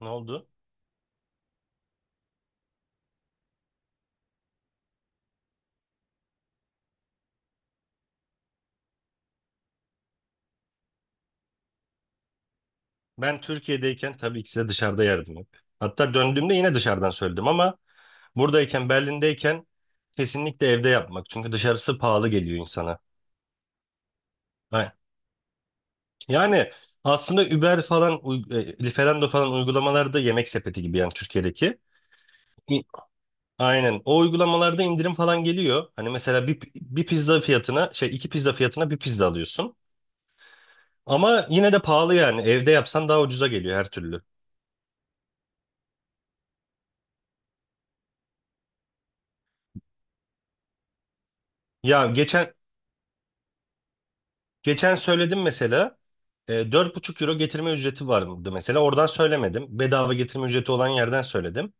Ne oldu? Ben Türkiye'deyken tabii ki size dışarıda yerdim hep. Hatta döndüğümde yine dışarıdan söyledim ama buradayken Berlin'deyken kesinlikle evde yapmak. Çünkü dışarısı pahalı geliyor insana. Ha, Yani aslında Uber falan, Lieferando falan uygulamalarda yemek sepeti gibi yani Türkiye'deki. İ- Aynen. O uygulamalarda indirim falan geliyor. Hani mesela bir pizza fiyatına iki pizza fiyatına bir pizza alıyorsun. Ama yine de pahalı yani. Evde yapsan daha ucuza geliyor her türlü. Ya geçen geçen söyledim mesela. 4,5 euro getirme ücreti vardı mesela. Oradan söylemedim. Bedava getirme ücreti olan yerden söyledim.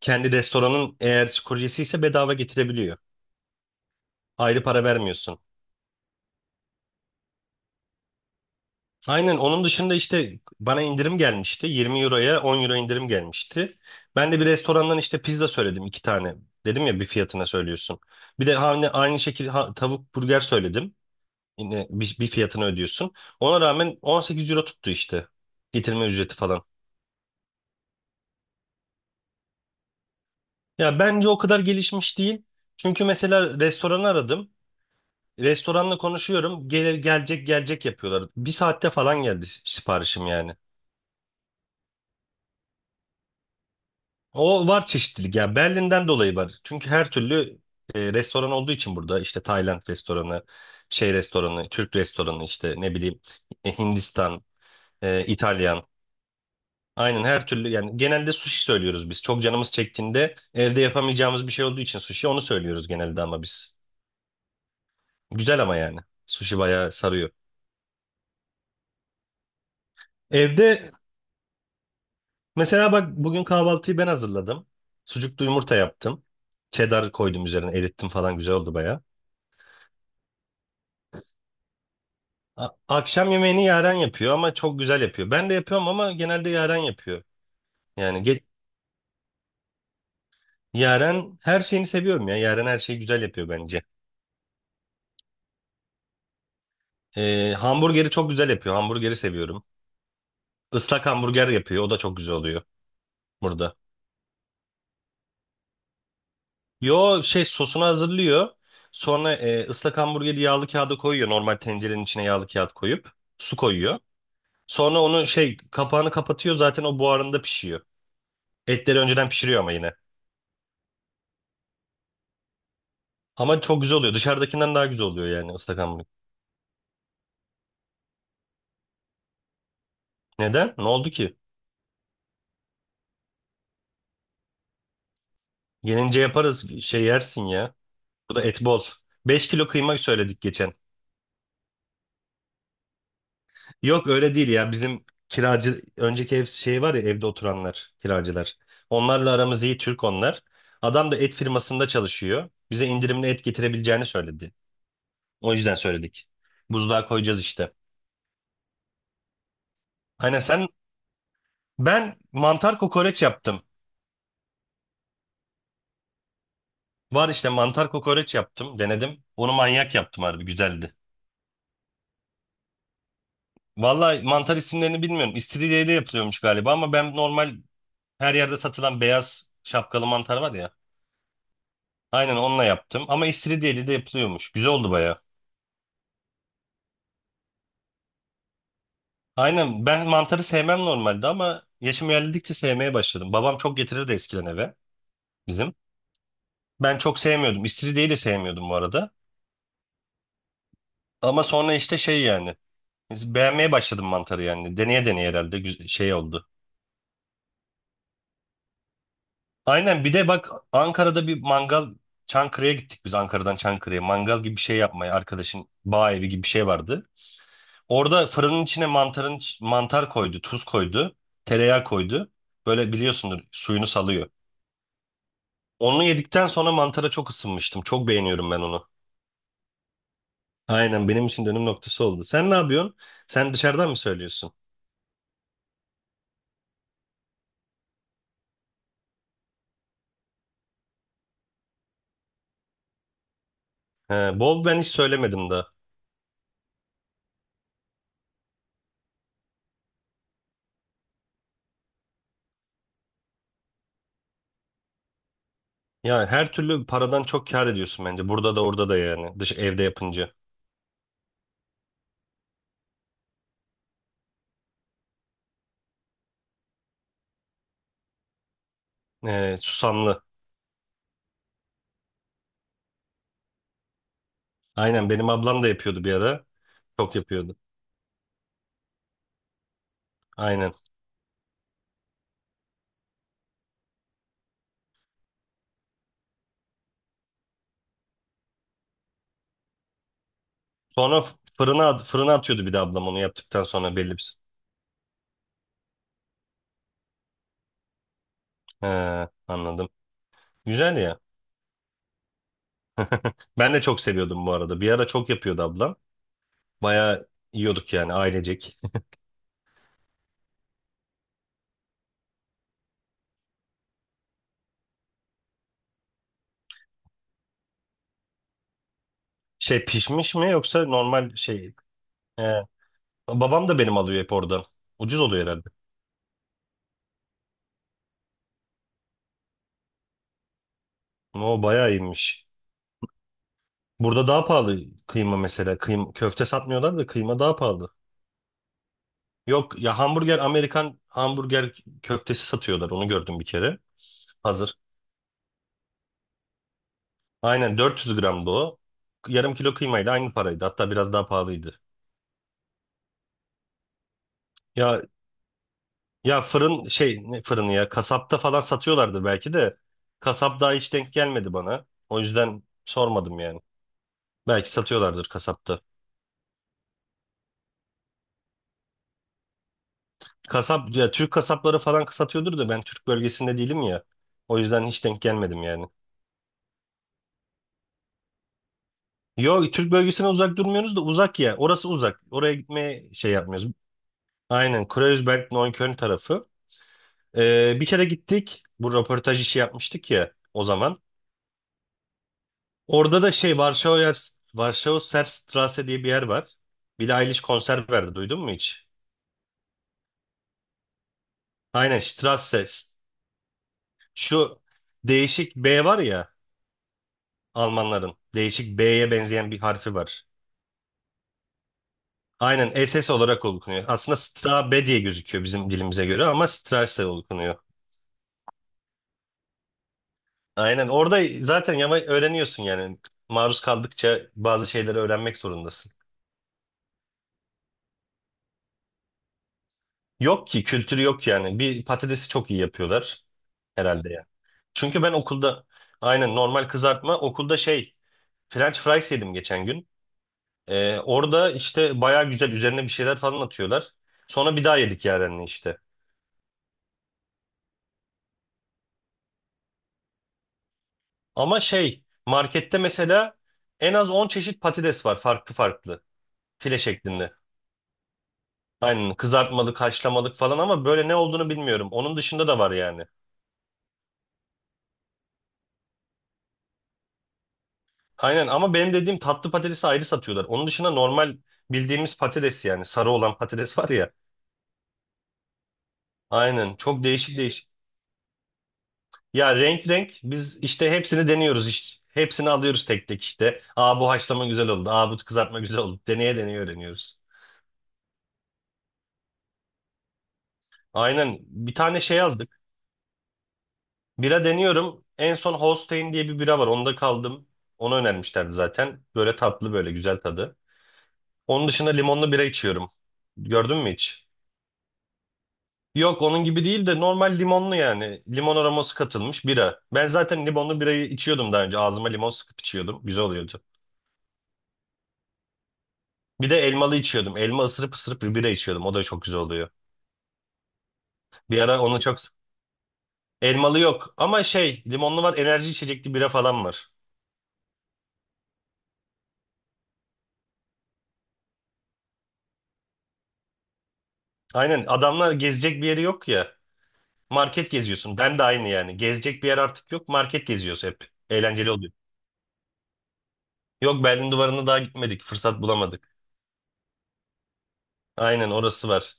Kendi restoranın eğer kuryesi ise bedava getirebiliyor. Ayrı para vermiyorsun. Aynen onun dışında işte bana indirim gelmişti. 20 euroya 10 euro indirim gelmişti. Ben de bir restorandan işte pizza söyledim iki tane. Dedim ya bir fiyatına söylüyorsun. Bir de aynı aynı şekilde tavuk burger söyledim. Yine bir fiyatını ödüyorsun. Ona rağmen 18 euro tuttu işte. Getirme ücreti falan. Ya bence o kadar gelişmiş değil. Çünkü mesela restoranı aradım. Restoranla konuşuyorum. Gelecek gelecek yapıyorlar. Bir saatte falan geldi siparişim yani. O var çeşitlilik ya. Berlin'den dolayı var. Çünkü her türlü restoran olduğu için burada işte Tayland restoranı, şey restoranı, Türk restoranı işte ne bileyim Hindistan, İtalyan. Aynen her türlü yani genelde sushi söylüyoruz biz. Çok canımız çektiğinde evde yapamayacağımız bir şey olduğu için sushi onu söylüyoruz genelde ama biz. Güzel ama yani. Sushi bayağı sarıyor. Evde mesela bak bugün kahvaltıyı ben hazırladım. Sucuklu yumurta yaptım. Cheddar koydum üzerine erittim falan güzel oldu baya. Akşam yemeğini Yaren yapıyor ama çok güzel yapıyor. Ben de yapıyorum ama genelde Yaren yapıyor. Yani ge- Yaren her şeyini seviyorum ya. Yaren her şeyi güzel yapıyor bence. Hamburgeri çok güzel yapıyor. Hamburgeri seviyorum. Islak hamburger yapıyor. O da çok güzel oluyor burada. Yo şey sosunu hazırlıyor. Sonra ıslak hamburgeri yağlı kağıda koyuyor. Normal tencerenin içine yağlı kağıt koyup su koyuyor. Sonra onu şey kapağını kapatıyor zaten o buharında pişiyor. Etleri önceden pişiriyor ama yine. Ama çok güzel oluyor. Dışarıdakinden daha güzel oluyor yani ıslak hamburger. Neden? Ne oldu ki? Gelince yaparız şey yersin ya. Bu da et bol. 5 kilo kıyma söyledik geçen. Yok öyle değil ya. Bizim kiracı önceki ev şey var ya evde oturanlar kiracılar. Onlarla aramız iyi Türk onlar. Adam da et firmasında çalışıyor. Bize indirimli et getirebileceğini söyledi. O yüzden söyledik. Buzluğa koyacağız işte. Aynen sen Ben mantar kokoreç yaptım. Var işte mantar kokoreç yaptım. Denedim. Onu manyak yaptım harbi güzeldi. Vallahi mantar isimlerini bilmiyorum. İstiridyeyle yapılıyormuş galiba ama ben normal her yerde satılan beyaz şapkalı mantar var ya. Aynen onunla yaptım ama istiridyeyle de yapılıyormuş. Güzel oldu baya. Aynen ben mantarı sevmem normalde ama yaşım ilerledikçe sevmeye başladım. Babam çok getirirdi eskiden eve bizim. Ben çok sevmiyordum. İstiridyeyi de sevmiyordum bu arada. Ama sonra işte şey yani Beğenmeye başladım mantarı yani. Deneye deneye herhalde şey oldu. Aynen bir de bak Ankara'da bir mangal Çankırı'ya gittik biz Ankara'dan Çankırı'ya. Mangal gibi bir şey yapmaya arkadaşın bağ evi gibi bir şey vardı. Orada fırının içine mantar koydu, tuz koydu, tereyağı koydu. Böyle biliyorsundur suyunu salıyor. Onu yedikten sonra mantara çok ısınmıştım. Çok beğeniyorum ben onu. Aynen benim için dönüm noktası oldu. Sen ne yapıyorsun? Sen dışarıdan mı söylüyorsun? He, bol ben hiç söylemedim. Yani her türlü paradan çok kâr ediyorsun bence. Burada da orada da yani. Dış evde yapınca. Susamlı. Aynen benim ablam da yapıyordu bir ara. Çok yapıyordu. Aynen. Sonra fırına atıyordu bir de ablam onu yaptıktan sonra belli bir. He, anladım. Güzel ya. Ben de çok seviyordum bu arada. Bir ara çok yapıyordu ablam. Bayağı yiyorduk yani ailecek. Şey pişmiş mi yoksa normal şey. He. Babam da benim alıyor hep oradan. Ucuz oluyor herhalde. O bayağı iyiymiş. Burada daha pahalı kıyma mesela. Kıyma, köfte satmıyorlar da kıyma daha pahalı. Yok ya hamburger Amerikan hamburger köftesi satıyorlar. Onu gördüm bir kere. Hazır. Aynen 400 gramdı o. Yarım kilo kıymayla aynı paraydı. Hatta biraz daha pahalıydı. Ya fırın şey ne fırını ya kasapta falan satıyorlardır belki de kasap daha hiç denk gelmedi bana. O yüzden sormadım yani. Belki satıyorlardır kasapta. Kasap ya Türk kasapları falan satıyordur da ben Türk bölgesinde değilim ya. O yüzden hiç denk gelmedim yani. Yok Türk bölgesinden uzak durmuyoruz da uzak ya. Orası uzak. Oraya gitmeye şey yapmıyoruz. Aynen. Kreuzberg, Neukölln tarafı. Bir kere gittik. Bu röportaj işi yapmıştık ya o zaman. Orada da şey Varşova Serstrasse diye bir yer var. Billie Eilish konser verdi. Duydun mu hiç? Aynen Strasse. Şu Değişik B var ya Almanların. Değişik B'ye benzeyen bir harfi var. Aynen SS olarak okunuyor. Aslında Stra B diye gözüküyor bizim dilimize göre ama Strasse okunuyor. Aynen. Orada zaten yama öğreniyorsun yani. Maruz kaldıkça bazı şeyleri öğrenmek zorundasın. Yok ki kültürü yok yani. Bir patatesi çok iyi yapıyorlar herhalde yani. Çünkü ben okulda aynen normal kızartma okulda şey French fries yedim geçen gün. Orada işte baya güzel üzerine bir şeyler falan atıyorlar. Sonra bir daha yedik yarenle işte. Ama şey markette mesela en az 10 çeşit patates var farklı farklı file şeklinde. Aynen kızartmalık, haşlamalık falan ama böyle ne olduğunu bilmiyorum. Onun dışında da var yani. Aynen ama benim dediğim tatlı patatesi ayrı satıyorlar. Onun dışında normal bildiğimiz patates yani sarı olan patates var ya. Aynen çok değişik değişik. Ya renk renk biz işte hepsini deniyoruz işte. Hepsini alıyoruz tek tek işte. Aa bu haşlama güzel oldu. Aa bu kızartma güzel oldu. Deneye deneye öğreniyoruz. Aynen bir tane şey aldık. Bira deniyorum. En son Holstein diye bir bira var. Onda kaldım. Onu önermişlerdi zaten. Böyle tatlı böyle güzel tadı. Onun dışında limonlu bira içiyorum. Gördün mü hiç? Yok onun gibi değil de normal limonlu yani. Limon aroması katılmış bira. Ben zaten limonlu birayı içiyordum daha önce. Ağzıma limon sıkıp içiyordum. Güzel oluyordu. Bir de elmalı içiyordum. Elma ısırıp ısırıp bir bira içiyordum. O da çok güzel oluyor. Bir ara onu çok... Elmalı yok ama şey limonlu var enerji içecekli bira falan var. Aynen adamlar gezecek bir yeri yok ya. Market geziyorsun. Ben de aynı yani. Gezecek bir yer artık yok. Market geziyoruz hep. Eğlenceli oluyor. Yok Berlin duvarına daha gitmedik. Fırsat bulamadık. Aynen orası var.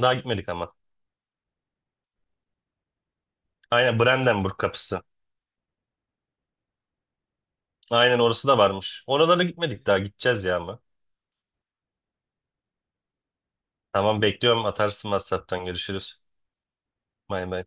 Daha gitmedik ama. Aynen Brandenburg kapısı. Aynen orası da varmış. Oralara gitmedik daha. Gideceğiz ya ama. Tamam bekliyorum. Atarsın WhatsApp'tan. Görüşürüz. Bay bay.